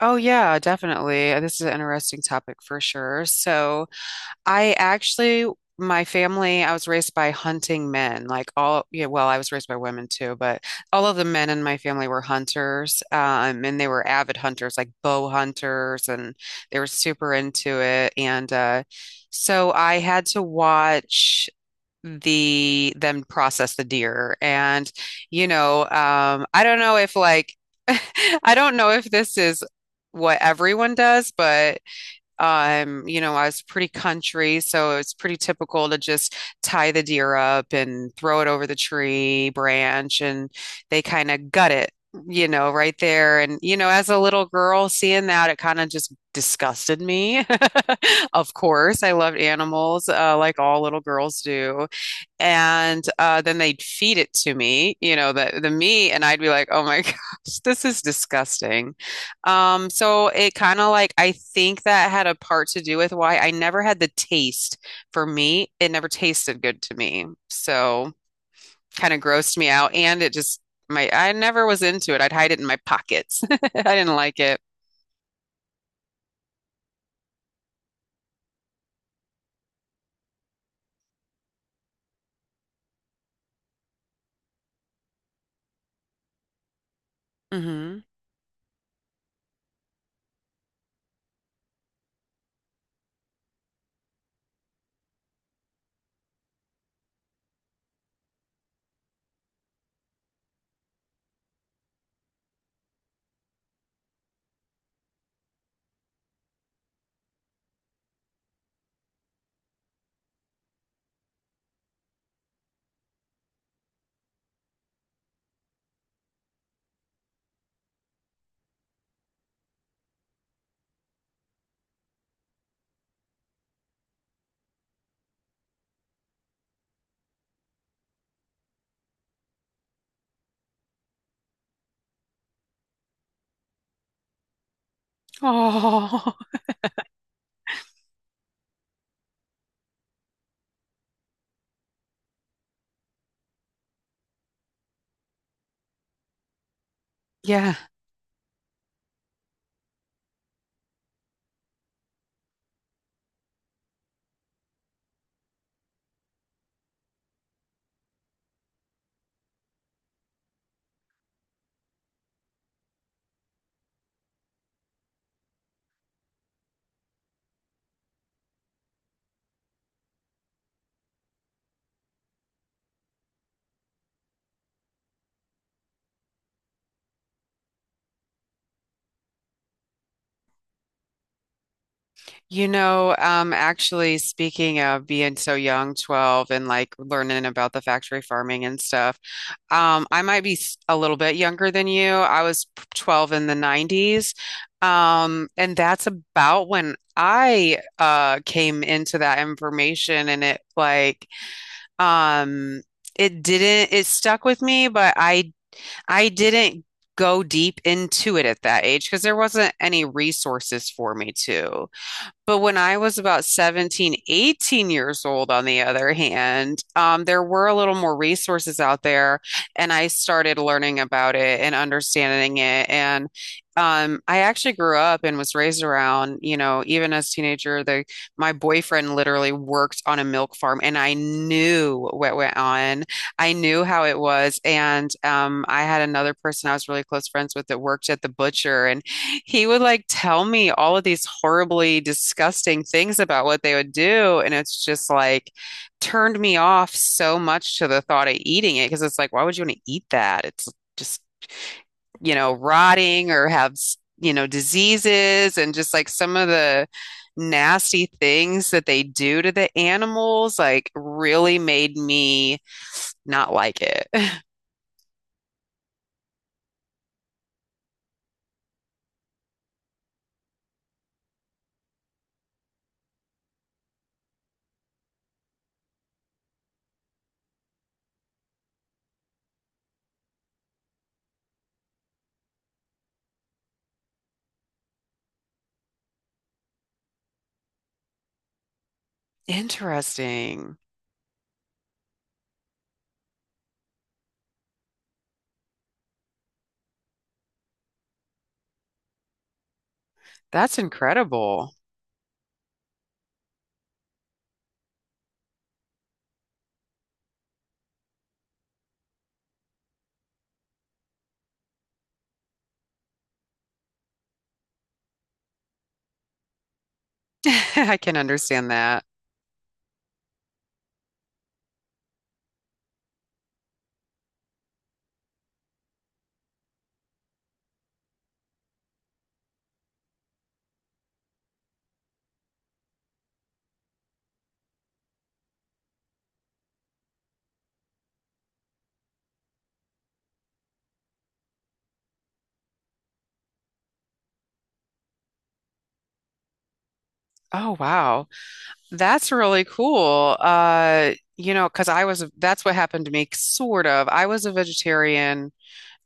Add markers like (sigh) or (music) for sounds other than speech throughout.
Oh, yeah, definitely. This is an interesting topic for sure. So, I actually, my family, I was raised by hunting men. Like all, yeah, well, I was raised by women too, but all of the men in my family were hunters. And they were avid hunters, like bow hunters, and they were super into it. And so I had to watch them process the deer. And, I don't know if like (laughs) I don't know if this is what everyone does, but you know, I was pretty country, so it's pretty typical to just tie the deer up and throw it over the tree branch and they kind of gut it, you know, right there. And, you know, as a little girl seeing that, it kind of just disgusted me. (laughs) Of course, I loved animals, like all little girls do and then they'd feed it to me, you know, the meat, and I'd be like, "Oh my (laughs) gosh, this is disgusting." So it kind of like I think that had a part to do with why I never had the taste for meat. It never tasted good to me, so kind of grossed me out, and it just my I never was into it. I'd hide it in my pockets. (laughs) I didn't like it. Hmm. Oh, (laughs) yeah. You know, actually, speaking of being so young, 12, and like learning about the factory farming and stuff, I might be a little bit younger than you. I was 12 in the 90s. And that's about when I came into that information and it like um it didn't it stuck with me, but I didn't go deep into it at that age because there wasn't any resources for me to. But when I was about 17, 18 years old, on the other hand, there were a little more resources out there, and I started learning about it and understanding it. And I actually grew up and was raised around, you know, even as a teenager, the my boyfriend literally worked on a milk farm, and I knew what went on. I knew how it was, and I had another person I was really close friends with that worked at the butcher, and he would like tell me all of these horribly disgusting things about what they would do. And it's just like turned me off so much to the thought of eating it because it's like, why would you want to eat that? It's just, you know, rotting or have, you know, diseases and just like some of the nasty things that they do to the animals, like really made me not like it. (laughs) Interesting. That's incredible. (laughs) I can understand that. Oh, wow. That's really cool. You know, because that's what happened to me, sort of. I was a vegetarian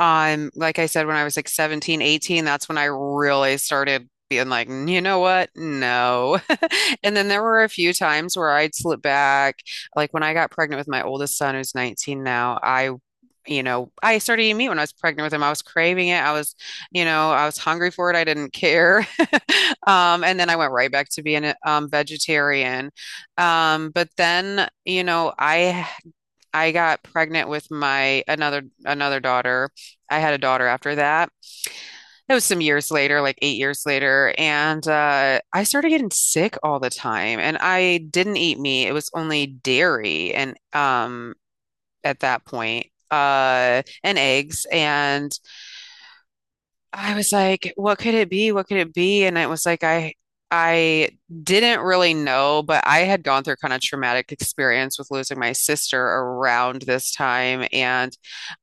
like I said, when I was like 17, 18, that's when I really started being like, "Mm, you know what? No." (laughs) And then there were a few times where I'd slip back. Like when I got pregnant with my oldest son, who's 19 now, you know, I started eating meat when I was pregnant with him. I was craving it. I was, you know, I was hungry for it. I didn't care. (laughs) And then I went right back to being a vegetarian. But then, you know, I got pregnant with my another another daughter. I had a daughter after that. It was some years later, like 8 years later, and I started getting sick all the time. And I didn't eat meat; it was only dairy, and at that point, and eggs. And I was like, what could it be? What could it be? And it was like I didn't really know, but I had gone through kind of traumatic experience with losing my sister around this time. And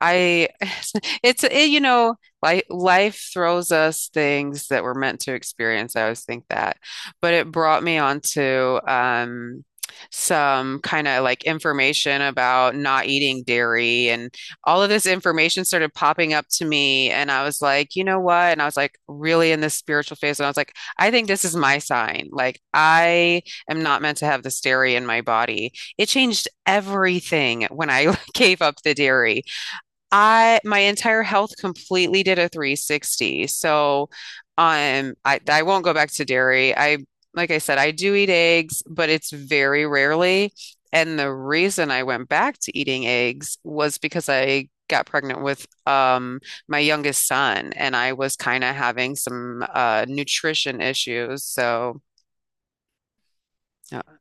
I (laughs) you know, like life throws us things that we're meant to experience. I always think that. But it brought me onto some kind of like information about not eating dairy. All of this information started popping up to me. And I was like, you know what? And I was like, really in this spiritual phase. And I was like, I think this is my sign. Like, I am not meant to have this dairy in my body. It changed everything when I (laughs) gave up the dairy. I my entire health completely did a 360. So I won't go back to dairy. I like I said, I do eat eggs, but it's very rarely. And the reason I went back to eating eggs was because I got pregnant with my youngest son and I was kind of having some nutrition issues. So uh,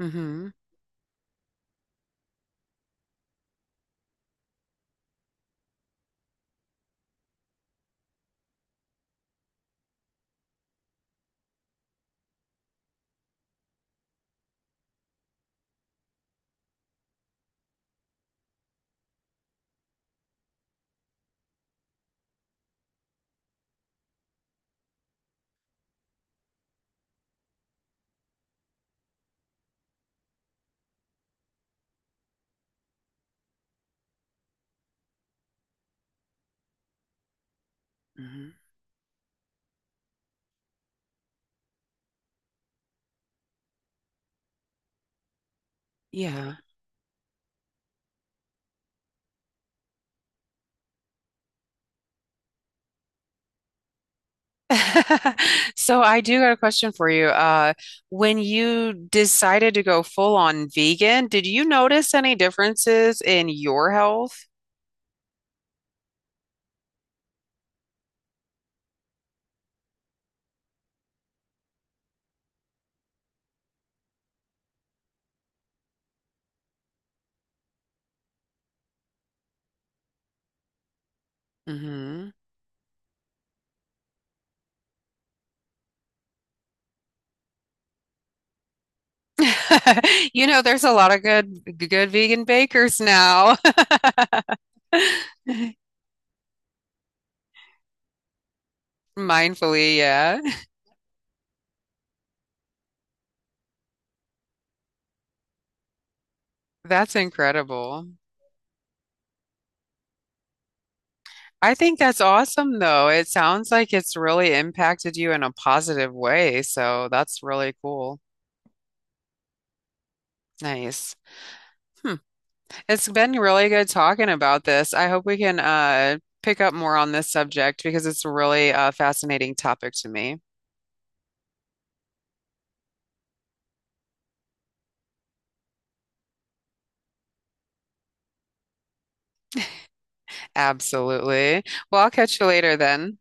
mhm, mhm. Yeah. (laughs) So I do got a question for you. When you decided to go full on vegan, did you notice any differences in your health? Hmm. (laughs) You know, there's a lot of good vegan bakers now. (laughs) Mindfully, yeah. That's incredible. I think that's awesome though. It sounds like it's really impacted you in a positive way, so that's really cool. Nice. Hmm. It's been really good talking about this. I hope we can pick up more on this subject because it's a really fascinating topic to me. Absolutely. Well, I'll catch you later then.